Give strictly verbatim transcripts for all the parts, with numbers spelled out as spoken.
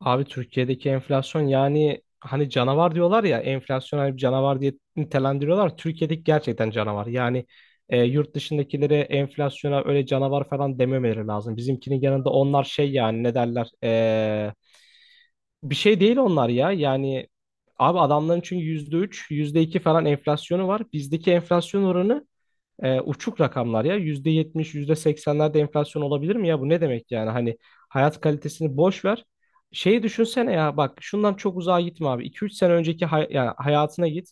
Abi Türkiye'deki enflasyon yani hani canavar diyorlar ya enflasyon hani bir canavar diye nitelendiriyorlar. Türkiye'deki gerçekten canavar. Yani e, yurt dışındakilere enflasyona öyle canavar falan dememeleri lazım. Bizimkinin yanında onlar şey yani ne derler e, bir şey değil onlar ya. Yani abi adamların çünkü yüzde üç, yüzde iki falan enflasyonu var. Bizdeki enflasyon oranı e, uçuk rakamlar ya. Yüzde yetmiş, yüzde seksenlerde enflasyon olabilir mi ya? Bu ne demek yani? Hani hayat kalitesini boş ver. Şeyi düşünsene ya, bak şundan çok uzağa gitme abi. İki üç sene önceki hay- yani hayatına git.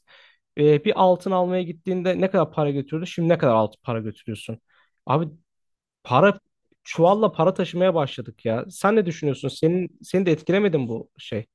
E, bir altın almaya gittiğinde ne kadar para götürdü? Şimdi ne kadar altın para götürüyorsun? Abi para çuvalla para taşımaya başladık ya. Sen ne düşünüyorsun? Senin seni de etkilemedi mi bu şey?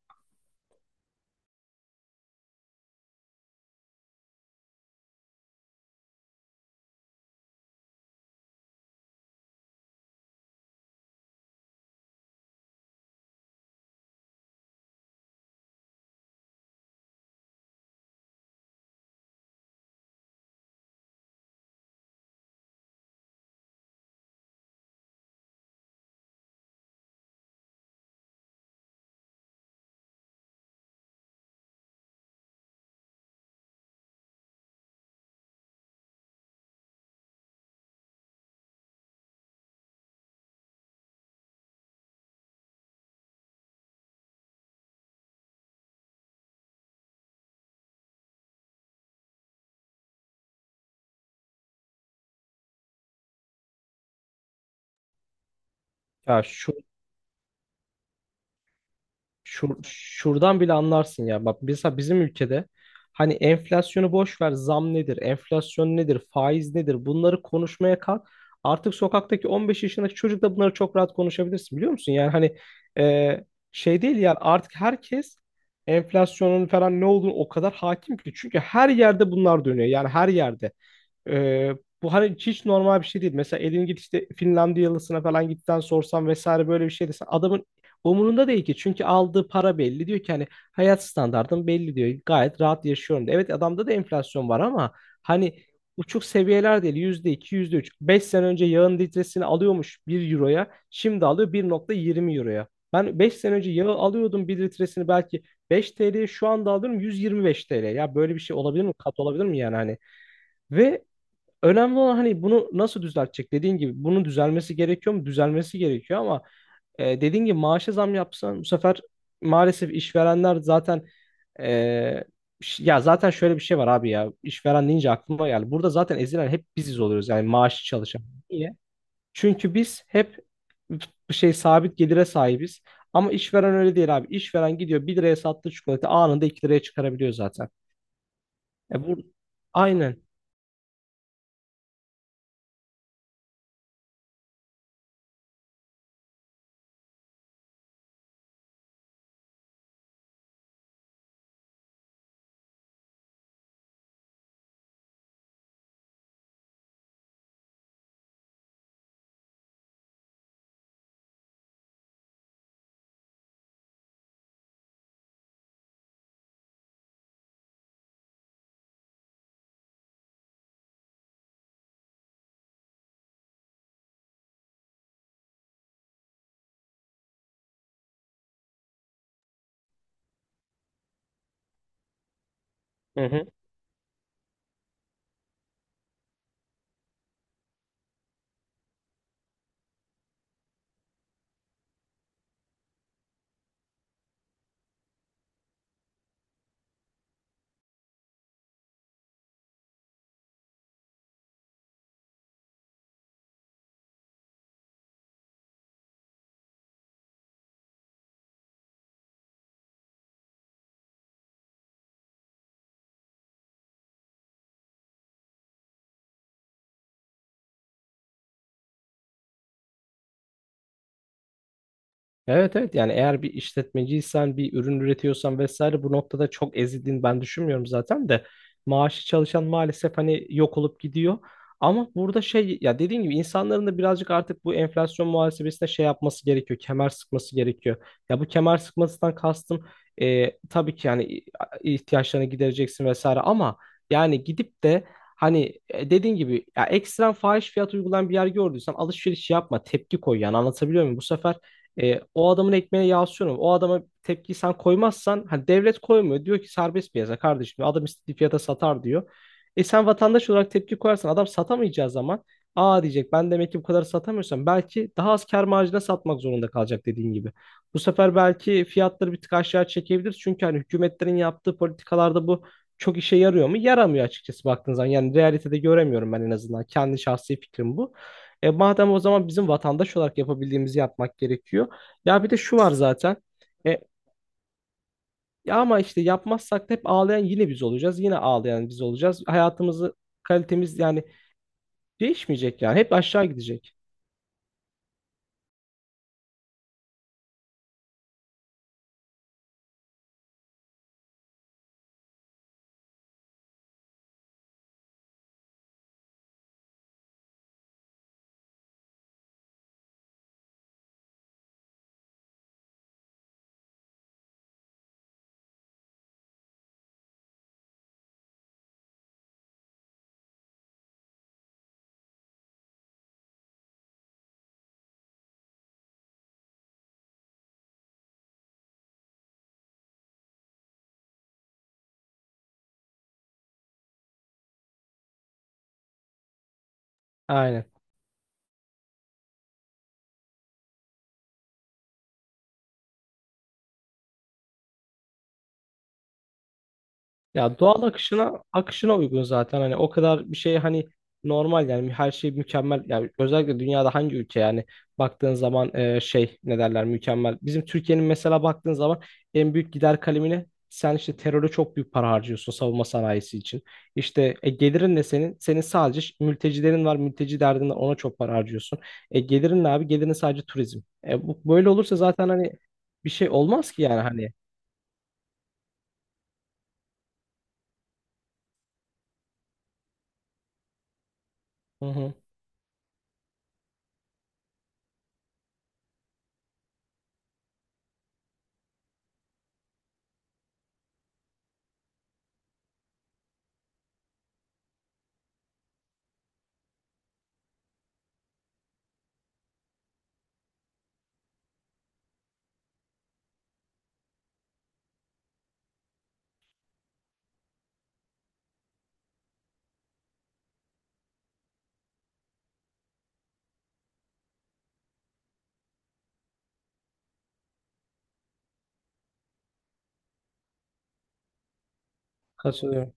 Ya şu Şur- şuradan bile anlarsın ya. Bak mesela bizim ülkede hani enflasyonu boş ver, zam nedir, enflasyon nedir, faiz nedir bunları konuşmaya kalk. Artık sokaktaki on beş yaşındaki çocuk da bunları çok rahat konuşabilirsin biliyor musun? Yani hani e, şey değil yani artık herkes enflasyonun falan ne olduğunu o kadar hakim ki. Çünkü her yerde bunlar dönüyor. Yani her yerde. Ee, Bu hani hiç normal bir şey değil. Mesela elin git işte Finlandiyalısına falan gitten sorsan vesaire böyle bir şey desen adamın umurunda değil ki. Çünkü aldığı para belli. Diyor ki hani hayat standartım belli diyor. Gayet rahat yaşıyorum diyor. Evet adamda da enflasyon var ama hani uçuk seviyeler değil. Yüzde iki, yüzde üç. Beş sene önce yağın litresini alıyormuş bir euroya. Şimdi alıyor bir nokta yirmi euroya. Ben beş sene önce yağı alıyordum bir litresini belki beş T L'ye, şu anda alıyorum yüz yirmi beş T L. Ya böyle bir şey olabilir mi? Kat olabilir mi yani hani? Ve önemli olan hani bunu nasıl düzeltecek? Dediğin gibi bunun düzelmesi gerekiyor mu? Düzelmesi gerekiyor ama e, dediğin gibi maaşa zam yapsan bu sefer maalesef işverenler zaten e, ş- ya zaten şöyle bir şey var abi ya işveren deyince aklıma geldi. Burada zaten ezilen hep biziz oluyoruz yani maaşlı çalışan. Niye? Çünkü biz hep bir şey sabit gelire sahibiz. Ama işveren öyle değil abi. İşveren gidiyor bir liraya sattığı çikolata anında iki liraya çıkarabiliyor zaten. E bu Aynen. Hı hı. Evet, evet, yani eğer bir işletmeciysen bir ürün üretiyorsan vesaire bu noktada çok ezildiğini ben düşünmüyorum zaten de maaşı çalışan maalesef hani yok olup gidiyor. Ama burada şey ya dediğim gibi insanların da birazcık artık bu enflasyon muhasebesine şey yapması gerekiyor. Kemer sıkması gerekiyor. Ya bu kemer sıkmasından kastım e, tabii ki yani ihtiyaçlarını gidereceksin vesaire ama yani gidip de hani e, dediğin gibi ya ekstrem fahiş fiyat uygulayan bir yer gördüysen alışveriş yapma, tepki koy yani anlatabiliyor muyum? Bu sefer e, o adamın ekmeğine yağ sürme. O adama tepkiyi sen koymazsan hani devlet koymuyor. Diyor ki serbest piyasa kardeşim adam istediği fiyata satar diyor. E sen vatandaş olarak tepki koyarsan adam satamayacağı zaman aa diyecek ben demek ki bu kadar satamıyorsam belki daha az kâr marjına satmak zorunda kalacak dediğin gibi. Bu sefer belki fiyatları bir tık aşağı çekebilir. Çünkü hani hükümetlerin yaptığı politikalarda bu çok işe yarıyor mu? Yaramıyor açıkçası baktığın zaman. Yani realitede göremiyorum ben en azından. Kendi şahsi fikrim bu. E madem o zaman bizim vatandaş olarak yapabildiğimizi yapmak gerekiyor. Ya bir de şu var zaten. E, Ya ama işte yapmazsak da hep ağlayan yine biz olacağız. Yine ağlayan biz olacağız. Hayatımızı kalitemiz yani değişmeyecek yani. Hep aşağı gidecek. Aynen. Ya doğal akışına akışına uygun zaten hani o kadar bir şey hani normal yani her şey mükemmel yani özellikle dünyada hangi ülke yani baktığın zaman e, şey ne derler mükemmel. Bizim Türkiye'nin mesela baktığın zaman en büyük gider kalemine sen işte teröre çok büyük para harcıyorsun savunma sanayisi için. İşte e, gelirin ne senin? Senin sadece ş- mültecilerin var mülteci derdin var ona çok para harcıyorsun. E, gelirin ne abi? Gelirin sadece turizm. E, bu, böyle olursa zaten hani bir şey olmaz ki yani hani. Hı hı. Katılıyorum.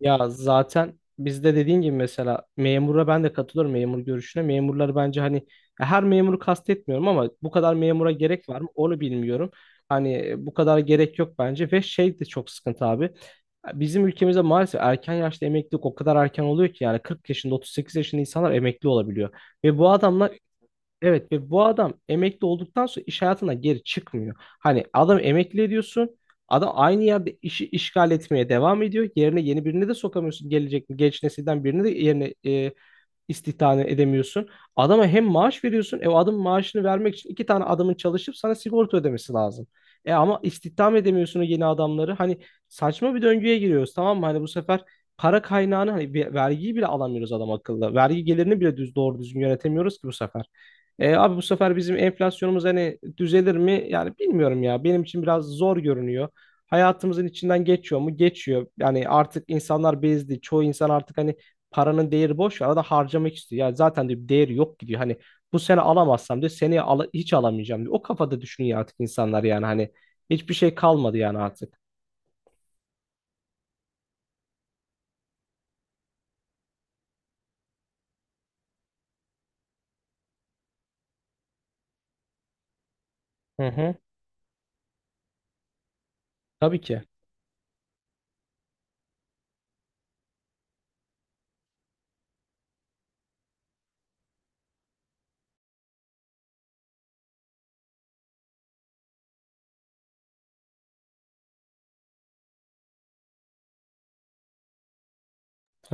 Ya zaten bizde dediğin gibi mesela memura ben de katılıyorum memur görüşüne. Memurları bence hani ya her memuru kastetmiyorum ama bu kadar memura gerek var mı onu bilmiyorum. Hani e, bu kadar gerek yok bence ve şey de çok sıkıntı abi. Bizim ülkemizde maalesef erken yaşta emeklilik o kadar erken oluyor ki yani kırk yaşında otuz sekiz yaşında insanlar emekli olabiliyor. Ve bu adamlar Evet, ve bu adam emekli olduktan sonra iş hayatına geri çıkmıyor. Hani adam emekli ediyorsun. Adam aynı yerde işi işgal etmeye devam ediyor. Yerine yeni birini de sokamıyorsun. Gelecek genç nesilden birini de yerine e, istihdam edemiyorsun. Adama hem maaş veriyorsun. E o adamın maaşını vermek için iki tane adamın çalışıp sana sigorta ödemesi lazım. E ama istihdam edemiyorsun o yeni adamları. Hani saçma bir döngüye giriyoruz tamam mı? Hani bu sefer para kaynağını hani bir- vergiyi bile alamıyoruz adam akıllı. Vergi gelirini bile düz doğru düzgün yönetemiyoruz ki bu sefer. E abi bu sefer bizim enflasyonumuz hani düzelir mi? Yani bilmiyorum ya. Benim için biraz zor görünüyor. Hayatımızın içinden geçiyor mu? Geçiyor. Yani artık insanlar bezdi. Çoğu insan artık hani paranın değeri boş. Arada harcamak istiyor. Ya zaten diyor bir değeri yok gidiyor. Hani bu sene alamazsam diyor. Seneye ala- hiç alamayacağım diyor. O kafada düşünüyor artık insanlar yani. Hani hiçbir şey kalmadı yani artık. Hı hı. Tabii ki.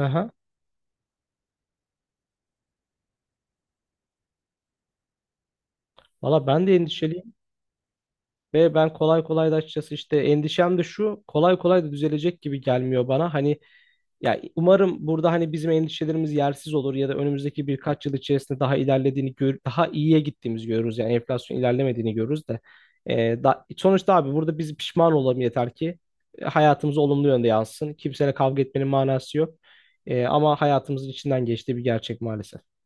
Aha. Valla ben de endişeliyim. Ve ben kolay kolay da açıkçası işte endişem de şu kolay kolay da düzelecek gibi gelmiyor bana. Hani ya umarım burada hani bizim endişelerimiz yersiz olur ya da önümüzdeki birkaç yıl içerisinde daha ilerlediğini gör, daha iyiye gittiğimizi görürüz. Yani enflasyon ilerlemediğini görürüz de. Ee, da, sonuçta abi burada biz pişman olalım yeter ki e, hayatımıza olumlu yönde yansın. Kimseyle kavga etmenin manası yok. Ee, ama hayatımızın içinden geçtiği bir gerçek maalesef.